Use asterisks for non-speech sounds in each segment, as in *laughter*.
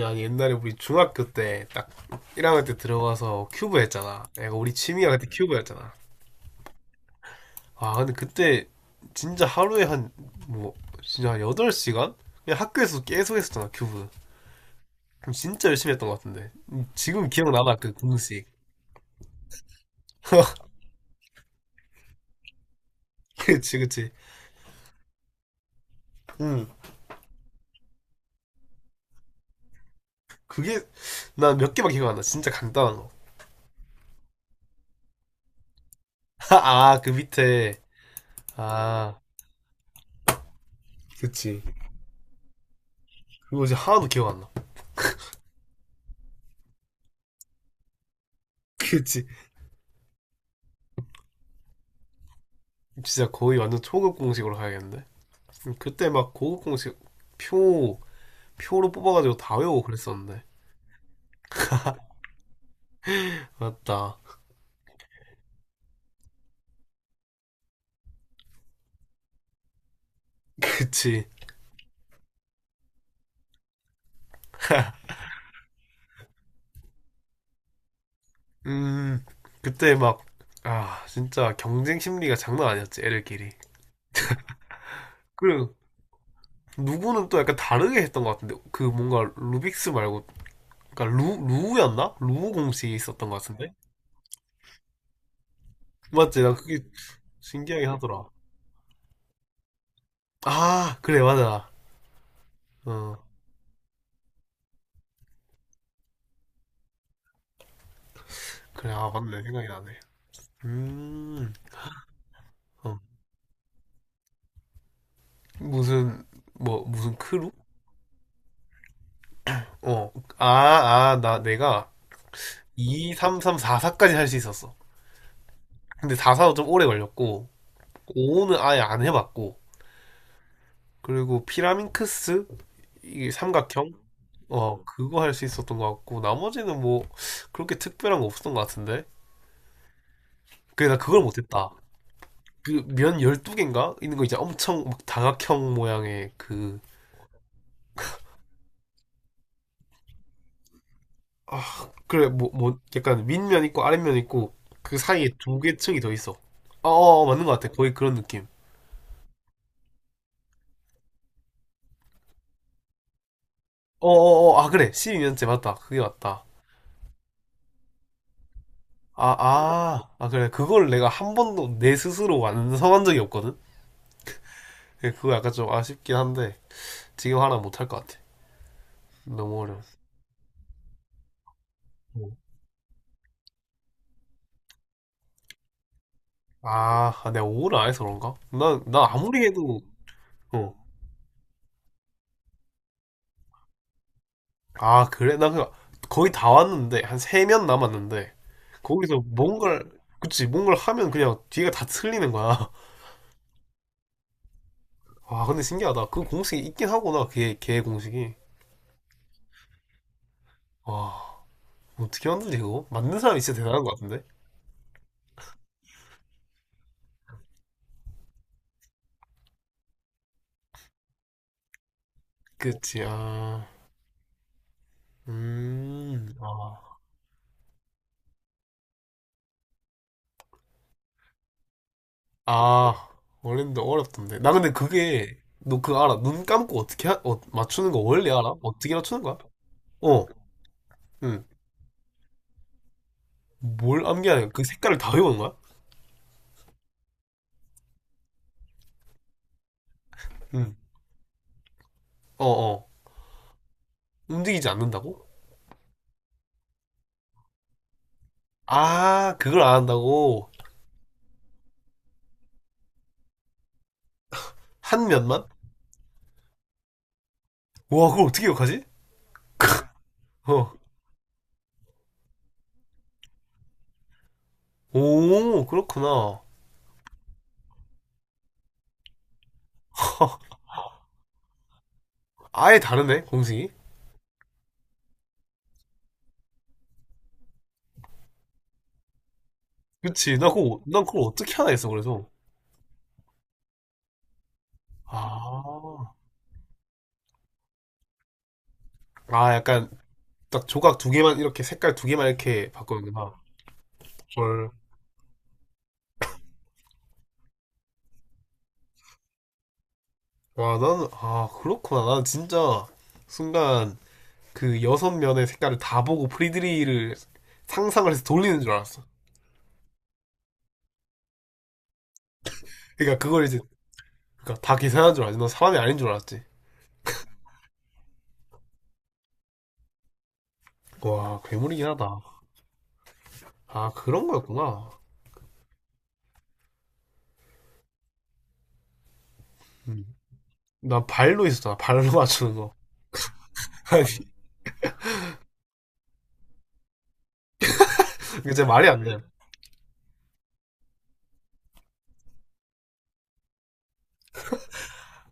야 옛날에 우리 중학교 때 딱 1학년 때 들어가서 큐브 했잖아. 내가 우리 취미가 그때 큐브였잖아. 아 근데 그때 진짜 하루에 한 뭐 진짜 한 8시간? 그냥 학교에서 계속 했었잖아 큐브. 그럼 진짜 열심히 했던 것 같은데. 지금 기억나나 그 공식. *laughs* 그치 그치. 응. 그게 난 몇 개만 기억 안 나. 진짜 간단한 거. *laughs* 아 그 밑에 아 그치. 그거 이제 하나도 기억 안 나. *laughs* 그치. 진짜 거의 완전 초급 공식으로 가야겠는데. 그때 막 고급 공식 표 표로 뽑아가지고 다 외우고 그랬었는데. 맞다. *laughs* 그치. 음 그때 막 아 진짜 경쟁 심리가 장난 아니었지 애들끼리. 그리고 누구는 또 약간 다르게 했던 것 같은데 그 뭔가 루빅스 말고 그러니까 루 루우였나? 루우 공식이 있었던 것 같은데. 맞지? 나 그게 신기하긴 하더라. 아 그래 맞아. 어 그래 아 맞네 생각이 나네. 음. 어. 무슨 뭐 무슨 크루? 어. 아, 아, 나 내가 2, 3, 3, 4, 4까지 할 수 있었어. 근데 4, 4도 좀 오래 걸렸고 5는 아예 안 해봤고 그리고 피라민크스 이게 삼각형 어 그거 할 수 있었던 것 같고 나머지는 뭐 그렇게 특별한 거 없었던 것 같은데 그래 나 그걸 못했다. 그 면 12개인가 있는 거 있잖아, 엄청 막 다각형 모양의 그. 아, 그래, 뭐, 뭐, 약간 윗면 있고 아랫면 있고 그 사이에 두 개 층이 더 있어. 어, 어, 어, 맞는 것 같아. 거의 그런 느낌. 어, 어, 어, 아, 그래. 12년째 맞다. 그게 맞다. 아, 아, 아, 그래. 그걸 내가 한 번도 내 스스로 완성한 적이 없거든? 그래, 그거 약간 좀 아쉽긴 한데 지금 하나 못 할 것 같아. 너무 어려워. 어. 아, 아, 내가 오를 안 해서 그런가? 난, 난 아무리 해도. 어. 아, 그래? 나 그, 거의 다 왔는데, 한 세면 남았는데, 거기서 뭔가를, 그치, 뭔가를 하면 그냥 뒤가 다 틀리는 거야. *laughs* 와, 근데 신기하다. 그 공식이 있긴 하구나, 걔, 걔 공식이. 와, 어떻게 만드지, 그거? 만든 사람이 진짜 대단한 것 같은데? 그치, 아, 아, 아, 원래는 어렵던데. 나 근데 그게, 너 그거 알아? 눈 감고 어떻게, 어, 맞추는 거 원래 알아? 어떻게 맞추는 거야? 어, 응. 뭘 암기하냐? 그 색깔을 다 외우는 거야? 응. 어어. 움직이지 않는다고? 아, 그걸 안 한다고? 한 면만? 와, 그걸 어떻게 기억하지? 어. 오, 그렇구나. 아예 다르네, 공식이. 그치. 나 그거, 난 그걸 어떻게 하나 했어, 그래서. 아. 아, 약간, 딱 조각 두 개만, 이렇게 색깔 두 개만 이렇게 바꾸는구나. 헐. 와, 나는, 아, 그렇구나. 난 진짜, 순간, 그 여섯 면의 색깔을 다 보고 프리드리히를 상상을 해서 돌리는 줄 알았어. 그러니까 그걸 이제, 그러니까 다 계산한 줄 알았지. 너 사람이 아닌 줄 알았지. 와, 괴물이긴 하다. 아, 그런 거였구나. 음. 난 발로 있었잖아. 발로 맞추는 거. *laughs* 아니, 이게 진짜 말이 안 돼.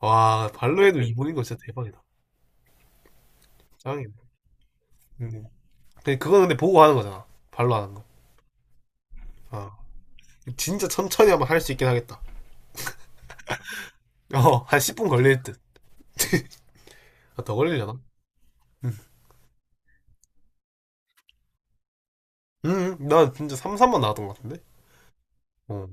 와, 발로 해도 일본인 거 진짜 대박이다. 짱이네. 음. 근데 그건 근데 보고 하는 거잖아. 발로 하는 거. 아, 진짜 천천히 하면 할 수 있긴 하겠다. *laughs* 어, 한 10분 걸릴 듯. 아, 더 걸리려나? 음, 난 진짜 3, 4만 나왔던 것 같은데? 어.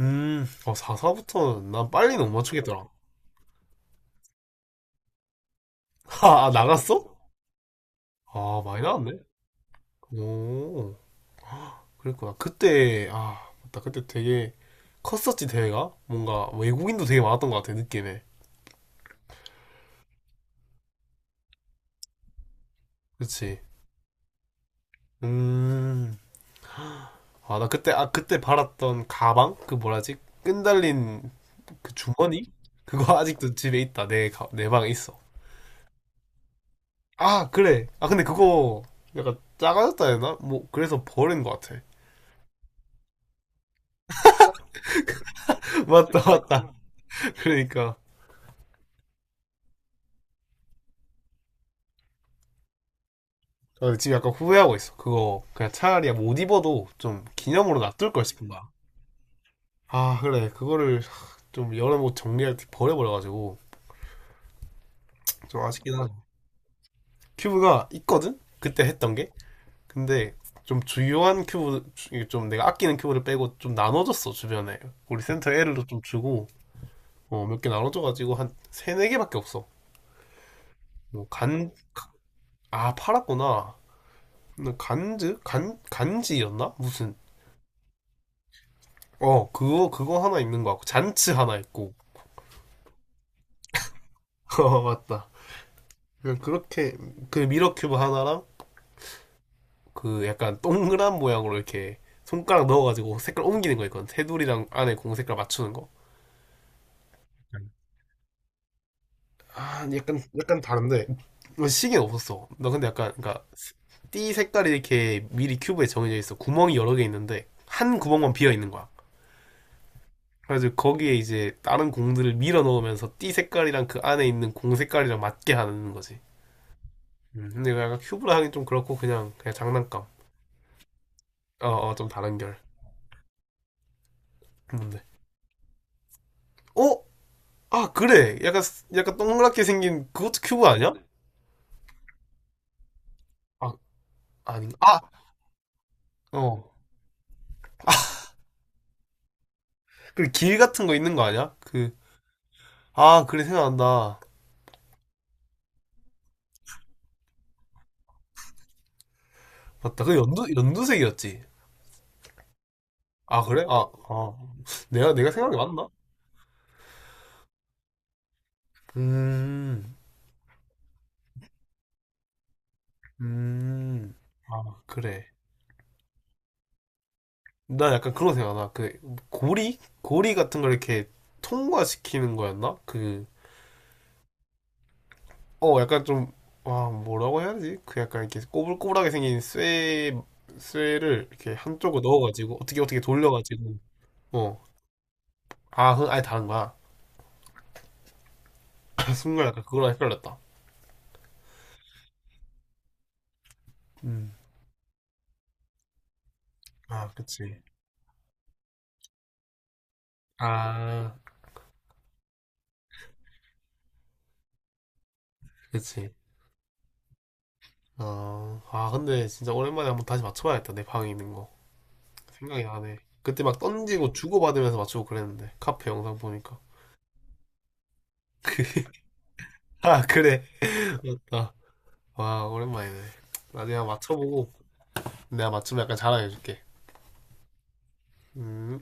어, 4, 4부터는 난 빨리 못 맞추겠더라. *laughs* 아, 나갔어? 아, 많이 나왔네. 오. 그랬구나. 그때 아 맞다. 그때 되게 컸었지 대회가, 뭔가 외국인도 되게 많았던 것 같아 느낌에. 그치. 음. 아 나 그때 아 그때 팔았던 가방 그 뭐라지, 끈달린 그 주머니 그거 *laughs* 아직도 집에 있다. 내내 방에 있어. 아 그래. 아 근데 그거 약간 작아졌다 해야 되나? 뭐 그래서 버린 것 같아. *laughs* 맞다 맞다. 그러니까. 아, 지금 약간 후회하고 있어. 그거 그냥 차라리 못 입어도 좀 기념으로 놔둘 걸 싶은 거야. 아 그래 그거를 좀 여러 모 정리할 때 버려버려가지고 좀 아쉽긴 하죠. 큐브가 있거든 그때 했던 게. 근데 좀 주요한 큐브 좀 내가 아끼는 큐브를 빼고 좀 나눠줬어 주변에. 우리 센터 애도좀 주고. 어, 몇 개 나눠줘가지고 한 세네 개밖에 없어. 뭐간아. 팔았구나. 근데 간즈 간 간지였나 무슨. 어 그거 그거 하나 있는 거 같고 잔츠 하나 있고. *laughs* 어 맞다. 그냥 그렇게 그 미러 큐브 하나랑 그 약간 동그란 모양으로 이렇게 손가락 넣어가지고 색깔 옮기는 거 있거든. 테두리랑 안에 공 색깔 맞추는 거. 아, 약간 약간 다른데. 뭐 시계는 없었어. 나 근데 약간 그러니까 띠 색깔이 이렇게 미리 큐브에 정해져 있어. 구멍이 여러 개 있는데 한 구멍만 비어 있는 거야. 그래서 거기에 이제 다른 공들을 밀어 넣으면서 띠 색깔이랑 그 안에 있는 공 색깔이랑 맞게 하는 거지. 근데 이거 약간 큐브라 하긴 좀 그렇고 그냥 그냥 장난감. 어, 어, 좀 다른 결. 뭔데? 어? 아, 그래. 약간, 약간 동그랗게 생긴, 그것도 큐브 아니야? 아, 아닌가? 아! 어. 그리고 길 같은 거 있는 거 아니야? 그, 아, 그래, 생각난다. 맞다. 그 연두, 연두색이었지. 아, 그래? 아, 아. 내가, 내가 생각이 맞나? 음, 음. 아, 그래. 나 약간 그런 생각 나. 그, 고리? 고리 같은 걸 이렇게 통과시키는 거였나? 그, 어, 약간 좀, 와, 뭐라고 해야 되지? 그 약간 이렇게 꼬불꼬불하게 생긴 쇠, 쇠를 이렇게 한쪽으로 넣어가지고, 어떻게 어떻게 돌려가지고, 어, 아, 그건 아예 다른 거야. *laughs* 순간 약간 그거랑 헷갈렸다. 음. 아, 그치. 아, 그치. 어, 아, 근데 진짜 오랜만에 한번 다시 맞춰봐야겠다. 내 방에 있는 거. 생각이 나네. 그때 막 던지고 주고받으면서 맞추고 그랬는데, 카페 영상 보니까. 아, 그래. *laughs* 맞다. 와, 오랜만이네. 나중에 한번 맞춰보고, 내가 맞추면 약간 자랑해줄게. 음.